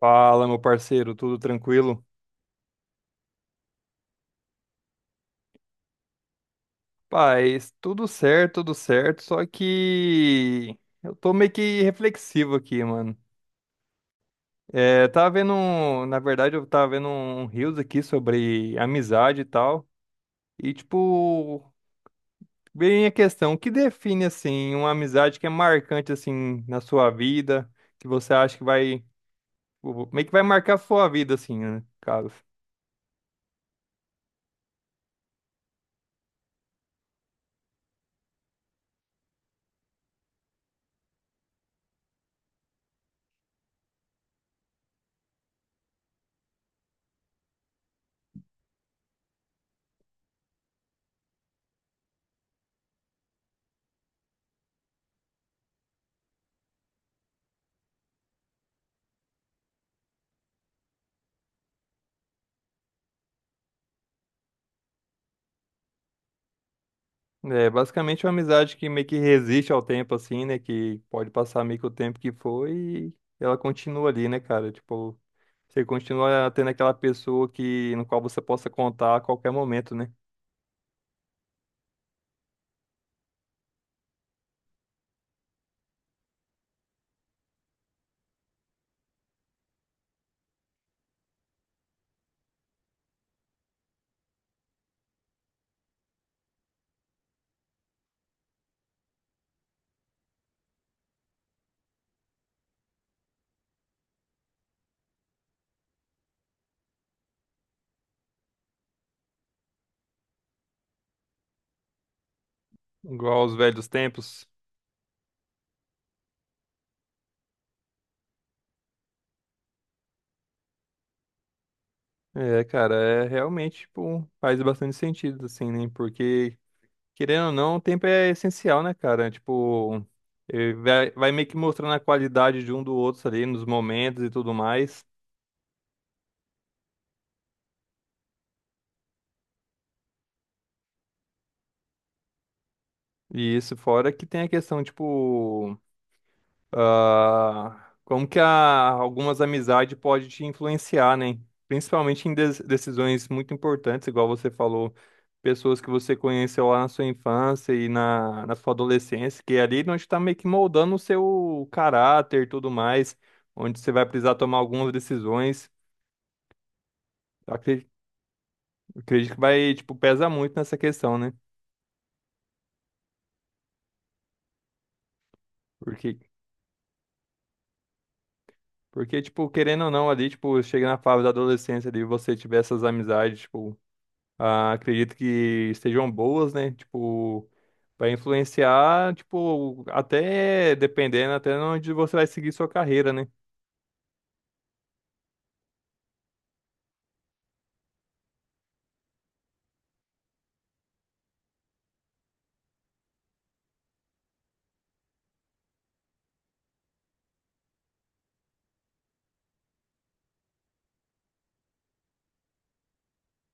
Fala, meu parceiro, tudo tranquilo? Paz, tudo certo, só que eu tô meio que reflexivo aqui, mano. É, tava vendo, na verdade, eu tava vendo um reels aqui sobre amizade e tal, e tipo, bem a questão, o que define, assim, uma amizade que é marcante, assim, na sua vida, que você acha que vai, meio que vai marcar a sua vida, assim, né, cara? É basicamente uma amizade que meio que resiste ao tempo, assim, né? Que pode passar meio que o tempo que foi e ela continua ali, né, cara? Tipo, você continua tendo aquela pessoa que, no qual você possa contar a qualquer momento, né? Igual aos velhos tempos. É, cara, é realmente, tipo, faz bastante sentido, assim, né? Porque, querendo ou não, o tempo é essencial, né, cara? Tipo, vai meio que mostrando a qualidade de um do outro ali nos momentos e tudo mais. E isso fora que tem a questão, tipo. Ah, como que a, algumas amizades podem te influenciar, né? Principalmente em decisões muito importantes, igual você falou, pessoas que você conheceu lá na sua infância e na sua adolescência, que é ali onde está meio que moldando o seu caráter e tudo mais, onde você vai precisar tomar algumas decisões. Eu acre- Acredito que vai, tipo, pesa muito nessa questão, né? Porque, porque, tipo, querendo ou não, ali, tipo, chega na fase da adolescência ali, você tiver essas amizades, tipo. Ah, acredito que estejam boas, né? Tipo, vai influenciar, tipo, até dependendo, até onde você vai seguir sua carreira, né?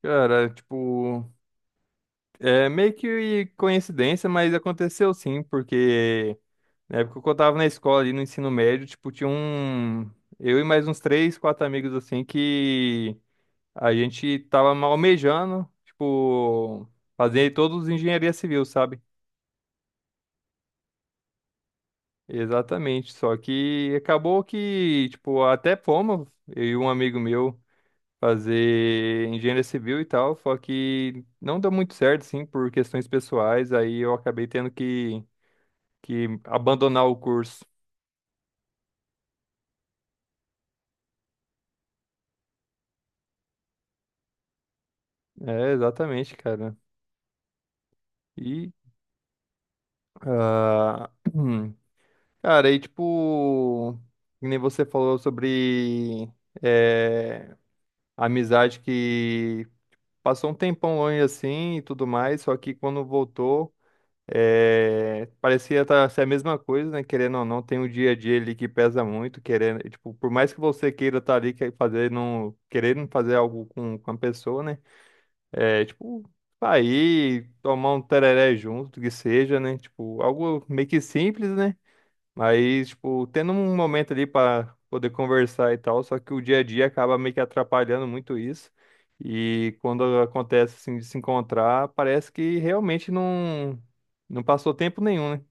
Cara, tipo, é meio que coincidência, mas aconteceu sim, porque na época que eu tava na escola ali no ensino médio, tipo, tinha um. Eu e mais uns três, quatro amigos assim que a gente tava almejando, tipo, fazer todos engenharia civil, sabe? Exatamente, só que acabou que, tipo, até fomos, eu e um amigo meu, fazer engenharia civil e tal, só que não deu muito certo, assim, por questões pessoais, aí eu acabei tendo que abandonar o curso. É, exatamente, cara. E, ah, cara, aí, tipo, que nem você falou sobre eh, amizade que passou um tempão longe, assim, e tudo mais, só que quando voltou é, parecia tá, ser a mesma coisa, né? Querendo ou não, tem um dia a dia ali que pesa muito, querendo, e, tipo, por mais que você queira estar ali, quer fazer não, querendo fazer algo com a pessoa, né? É, tipo, sair, tomar um tereré junto, que seja, né? Tipo, algo meio que simples, né? Aí, tipo, tendo um momento ali pra poder conversar e tal, só que o dia a dia acaba meio que atrapalhando muito isso. E quando acontece assim de se encontrar, parece que realmente não passou tempo nenhum, né?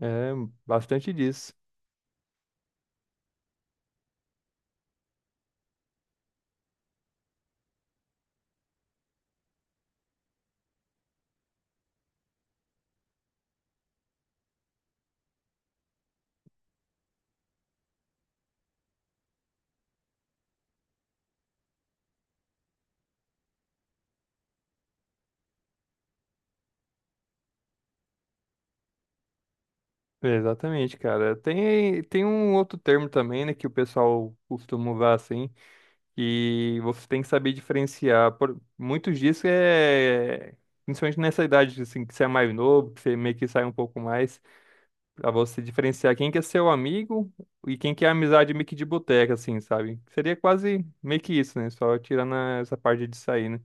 É bastante disso. Exatamente, cara. Tem um outro termo também, né, que o pessoal costuma usar assim, e você tem que saber diferenciar. Por, muitos disso é, principalmente nessa idade, assim, que você é mais novo, que você meio que sai um pouco mais. Pra você diferenciar quem que é seu amigo e quem que é amizade meio que de boteca, assim, sabe? Seria quase meio que isso, né? Só tirando essa parte de sair, né?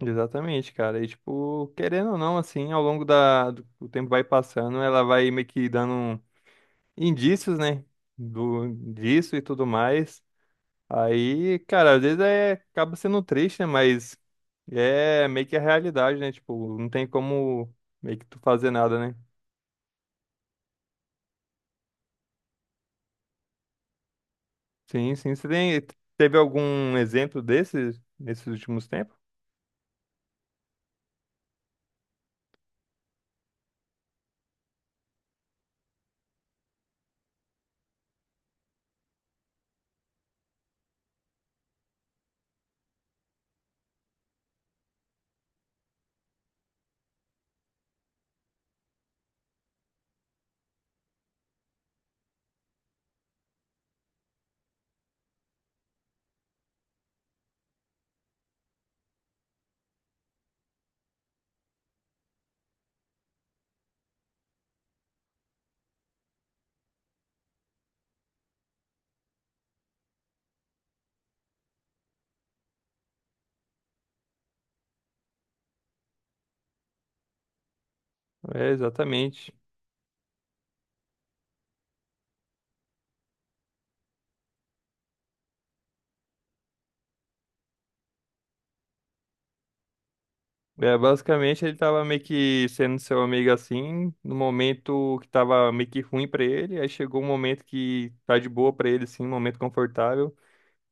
Exatamente, cara. E, tipo, querendo ou não, assim, ao longo da, do o tempo vai passando, ela vai meio que dando indícios, né? Do, disso e tudo mais. Aí, cara, às vezes é, acaba sendo triste, né? Mas é meio que a realidade, né? Tipo, não tem como meio que tu fazer nada, né? Sim, sim. Você tem, teve algum exemplo desses nesses últimos tempos? É, exatamente. É, basicamente ele tava meio que sendo seu amigo assim, no momento que tava meio que ruim pra ele, aí chegou um momento que tá de boa pra ele assim, um momento confortável.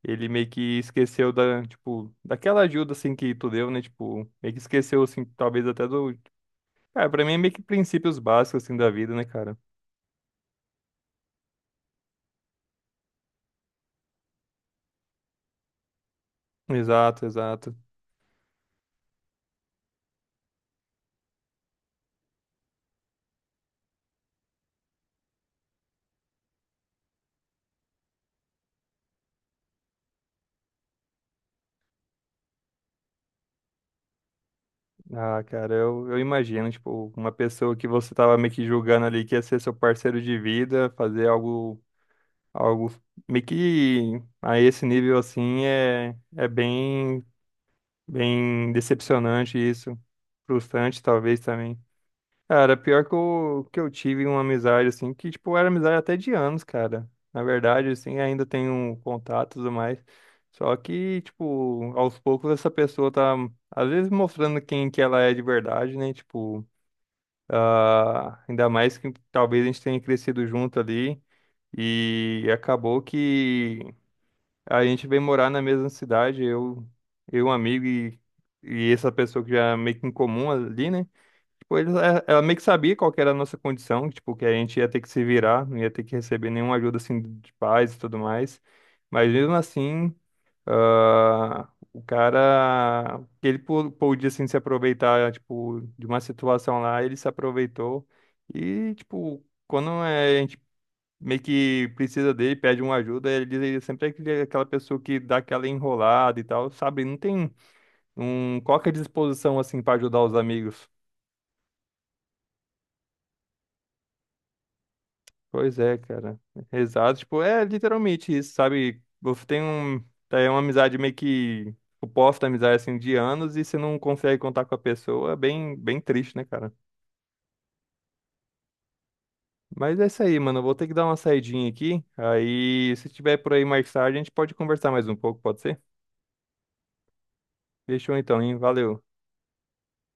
Ele meio que esqueceu da, tipo, daquela ajuda assim que tu deu, né? Tipo, meio que esqueceu assim, talvez até do, cara, pra mim é meio que princípios básicos assim da vida, né, cara? Exato, exato. Ah, cara, eu imagino, tipo, uma pessoa que você tava meio que julgando ali que ia ser seu parceiro de vida, fazer algo, algo meio que a esse nível assim é, é bem, bem decepcionante isso, frustrante talvez também. Cara, pior que eu tive uma amizade, assim, que, tipo, era amizade até de anos, cara. Na verdade, assim, ainda tenho um contato e tudo mais. Só que, tipo, aos poucos essa pessoa tá, às vezes, mostrando quem que ela é de verdade, né? Tipo, ah, ainda mais que talvez a gente tenha crescido junto ali. E acabou que a gente veio morar na mesma cidade, eu, um amigo e essa pessoa que já é meio que em comum ali, né? Ela meio que sabia qual que era a nossa condição, tipo, que a gente ia ter que se virar, não ia ter que receber nenhuma ajuda, assim, de pais e tudo mais. Mas mesmo assim, ah, o cara, ele podia, assim, se aproveitar, tipo, de uma situação lá, ele se aproveitou. E, tipo, quando é, a gente meio que precisa dele, pede uma ajuda, ele diz, ele sempre é aquela pessoa que dá aquela enrolada e tal, sabe? Não tem um, qualquer disposição, assim, para ajudar os amigos. Pois é, cara. Exato. Tipo, é literalmente isso, sabe? Você tem um, tá, é uma amizade meio que o posto da amizade assim de anos e você não consegue contar com a pessoa, é bem, bem triste, né, cara? Mas é isso aí, mano. Eu vou ter que dar uma saidinha aqui. Aí, se tiver por aí mais tarde, a gente pode conversar mais um pouco, pode ser? Fechou então, hein? Valeu.